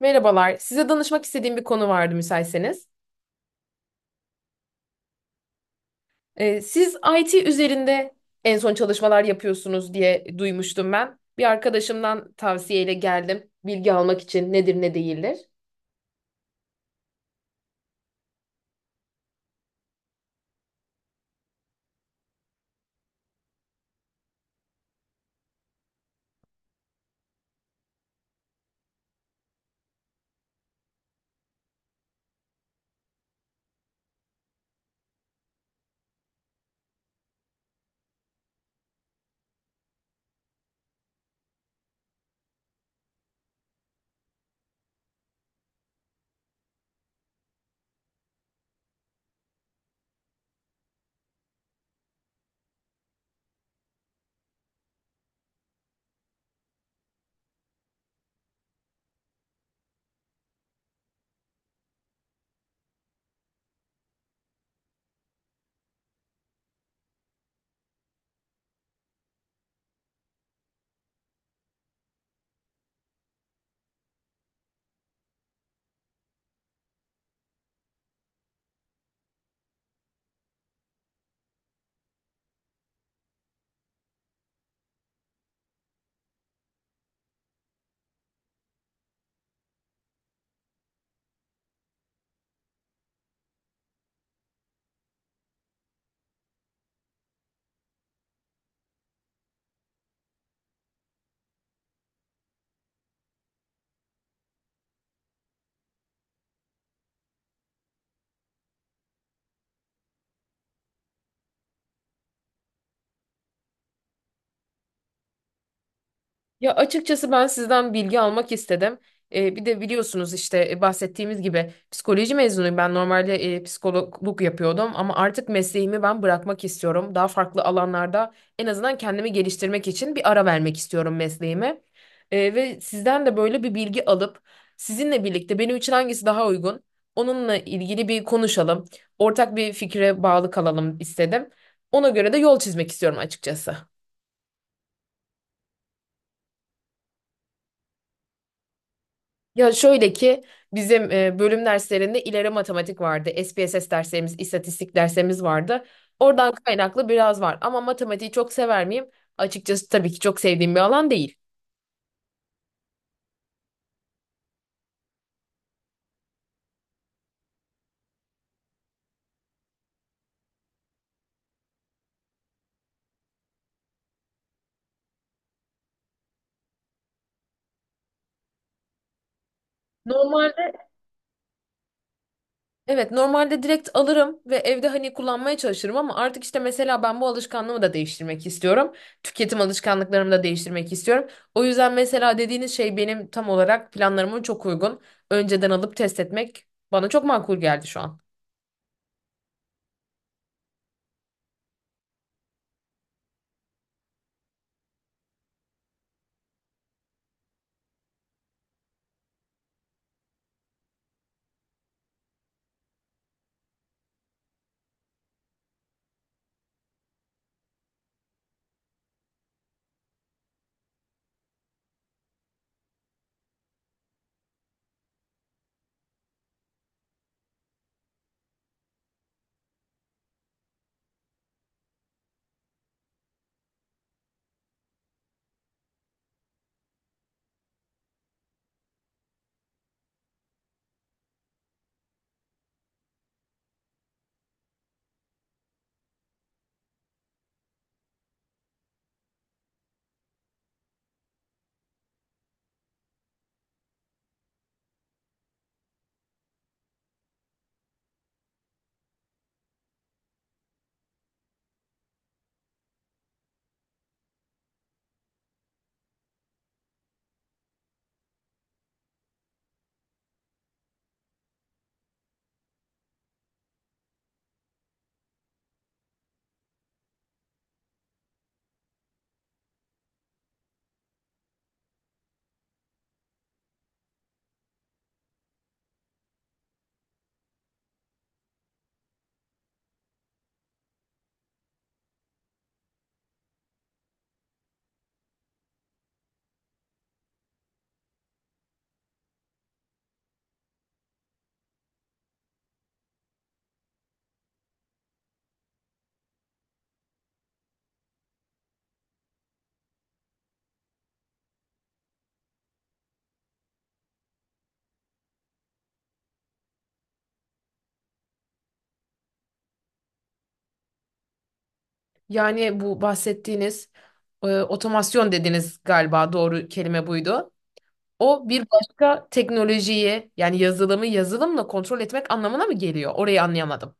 Merhabalar. Size danışmak istediğim bir konu vardı müsaitseniz. Siz IT üzerinde en son çalışmalar yapıyorsunuz diye duymuştum ben. Bir arkadaşımdan tavsiyeyle geldim. Bilgi almak için nedir ne değildir. Ya açıkçası ben sizden bilgi almak istedim. Bir de biliyorsunuz işte bahsettiğimiz gibi psikoloji mezunuyum. Ben normalde psikologluk yapıyordum ama artık mesleğimi ben bırakmak istiyorum. Daha farklı alanlarda en azından kendimi geliştirmek için bir ara vermek istiyorum mesleğime. Ve sizden de böyle bir bilgi alıp sizinle birlikte benim için hangisi daha uygun? Onunla ilgili bir konuşalım. Ortak bir fikre bağlı kalalım istedim. Ona göre de yol çizmek istiyorum açıkçası. Ya şöyle ki bizim bölüm derslerinde ileri matematik vardı. SPSS derslerimiz, istatistik derslerimiz vardı. Oradan kaynaklı biraz var. Ama matematiği çok sever miyim? Açıkçası tabii ki çok sevdiğim bir alan değil. Normalde evet, normalde direkt alırım ve evde hani kullanmaya çalışırım ama artık işte mesela ben bu alışkanlığımı da değiştirmek istiyorum. Tüketim alışkanlıklarımı da değiştirmek istiyorum. O yüzden mesela dediğiniz şey benim tam olarak planlarıma çok uygun. Önceden alıp test etmek bana çok makul geldi şu an. Yani bu bahsettiğiniz otomasyon dediniz galiba, doğru kelime buydu. O bir başka teknolojiyi yani yazılımı yazılımla kontrol etmek anlamına mı geliyor? Orayı anlayamadım.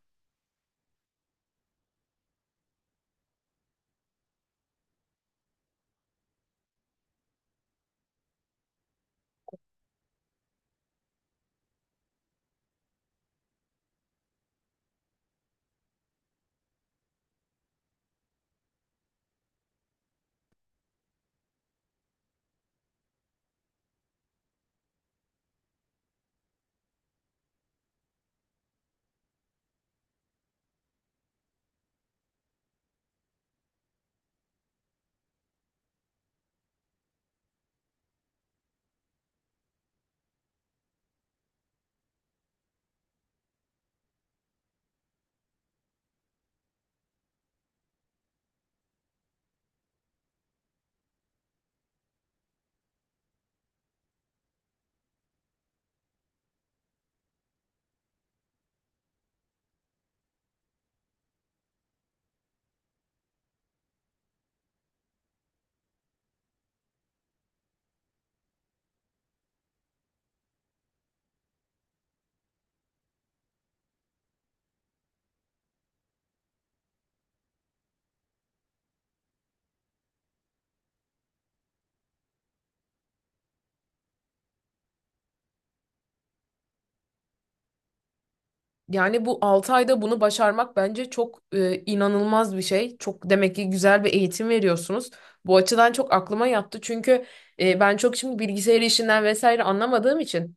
Yani bu 6 ayda bunu başarmak bence çok inanılmaz bir şey. Çok demek ki güzel bir eğitim veriyorsunuz. Bu açıdan çok aklıma yattı. Çünkü ben çok şimdi bilgisayar işinden vesaire anlamadığım için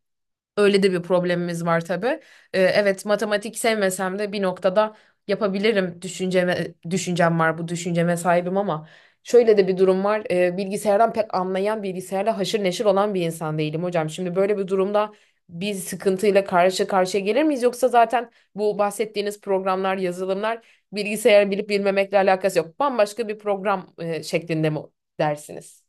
öyle de bir problemimiz var tabii. Evet, matematik sevmesem de bir noktada yapabilirim düşüncem var, bu düşünceme sahibim ama şöyle de bir durum var. Bilgisayardan pek anlayan, bilgisayarla haşır neşir olan bir insan değilim hocam. Şimdi böyle bir durumda bir sıkıntıyla karşı karşıya gelir miyiz, yoksa zaten bu bahsettiğiniz programlar, yazılımlar bilgisayar bilip bilmemekle alakası yok. Bambaşka bir program şeklinde mi dersiniz?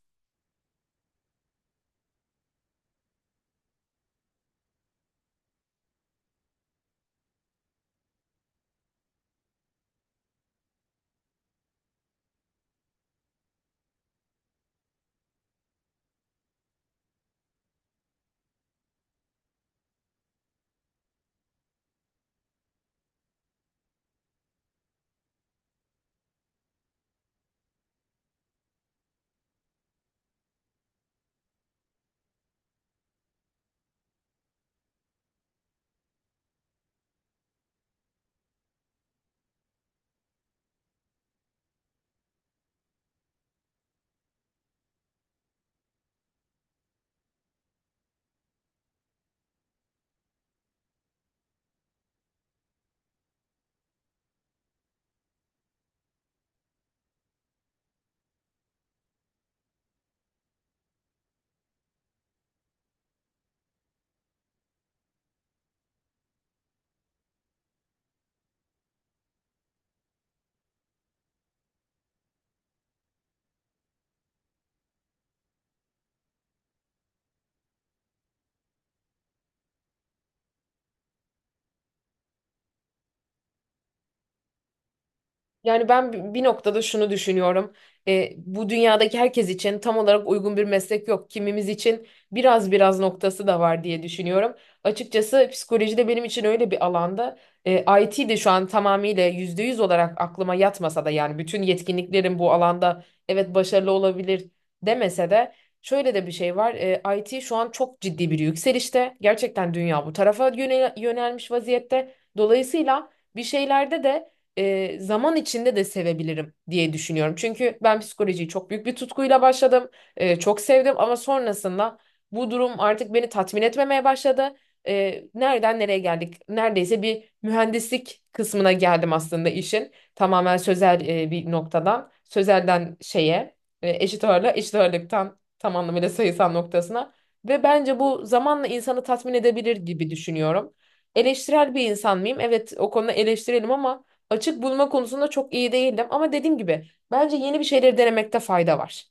Yani ben bir noktada şunu düşünüyorum. E, bu dünyadaki herkes için tam olarak uygun bir meslek yok. Kimimiz için biraz biraz noktası da var diye düşünüyorum. Açıkçası psikoloji de benim için öyle bir alanda. E, IT de şu an tamamıyla %100 olarak aklıma yatmasa da yani bütün yetkinliklerim bu alanda evet başarılı olabilir demese de şöyle de bir şey var. E, IT şu an çok ciddi bir yükselişte. Gerçekten dünya bu tarafa yönelmiş vaziyette. Dolayısıyla bir şeylerde de zaman içinde de sevebilirim diye düşünüyorum. Çünkü ben psikolojiyi çok büyük bir tutkuyla başladım. E, çok sevdim ama sonrasında bu durum artık beni tatmin etmemeye başladı. E, nereden nereye geldik? Neredeyse bir mühendislik kısmına geldim aslında işin. Tamamen sözel bir noktadan. Sözelden şeye, eşit ağırlığa, eşit ağırlıktan tam anlamıyla sayısal noktasına. Ve bence bu zamanla insanı tatmin edebilir gibi düşünüyorum. Eleştirel bir insan mıyım? Evet, o konuda eleştirelim ama açık bulma konusunda çok iyi değildim ama dediğim gibi bence yeni bir şeyleri denemekte fayda var.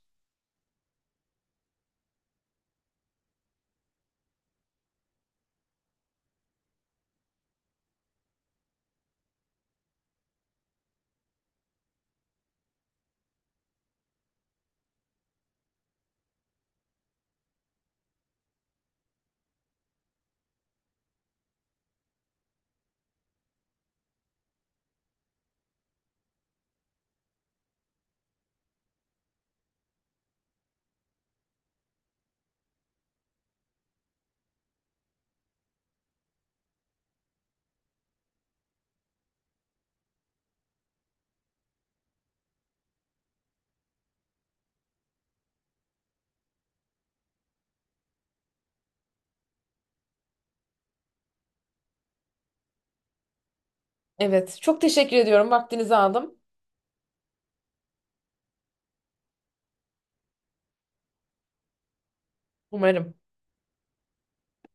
Evet, çok teşekkür ediyorum. Vaktinizi aldım. Umarım.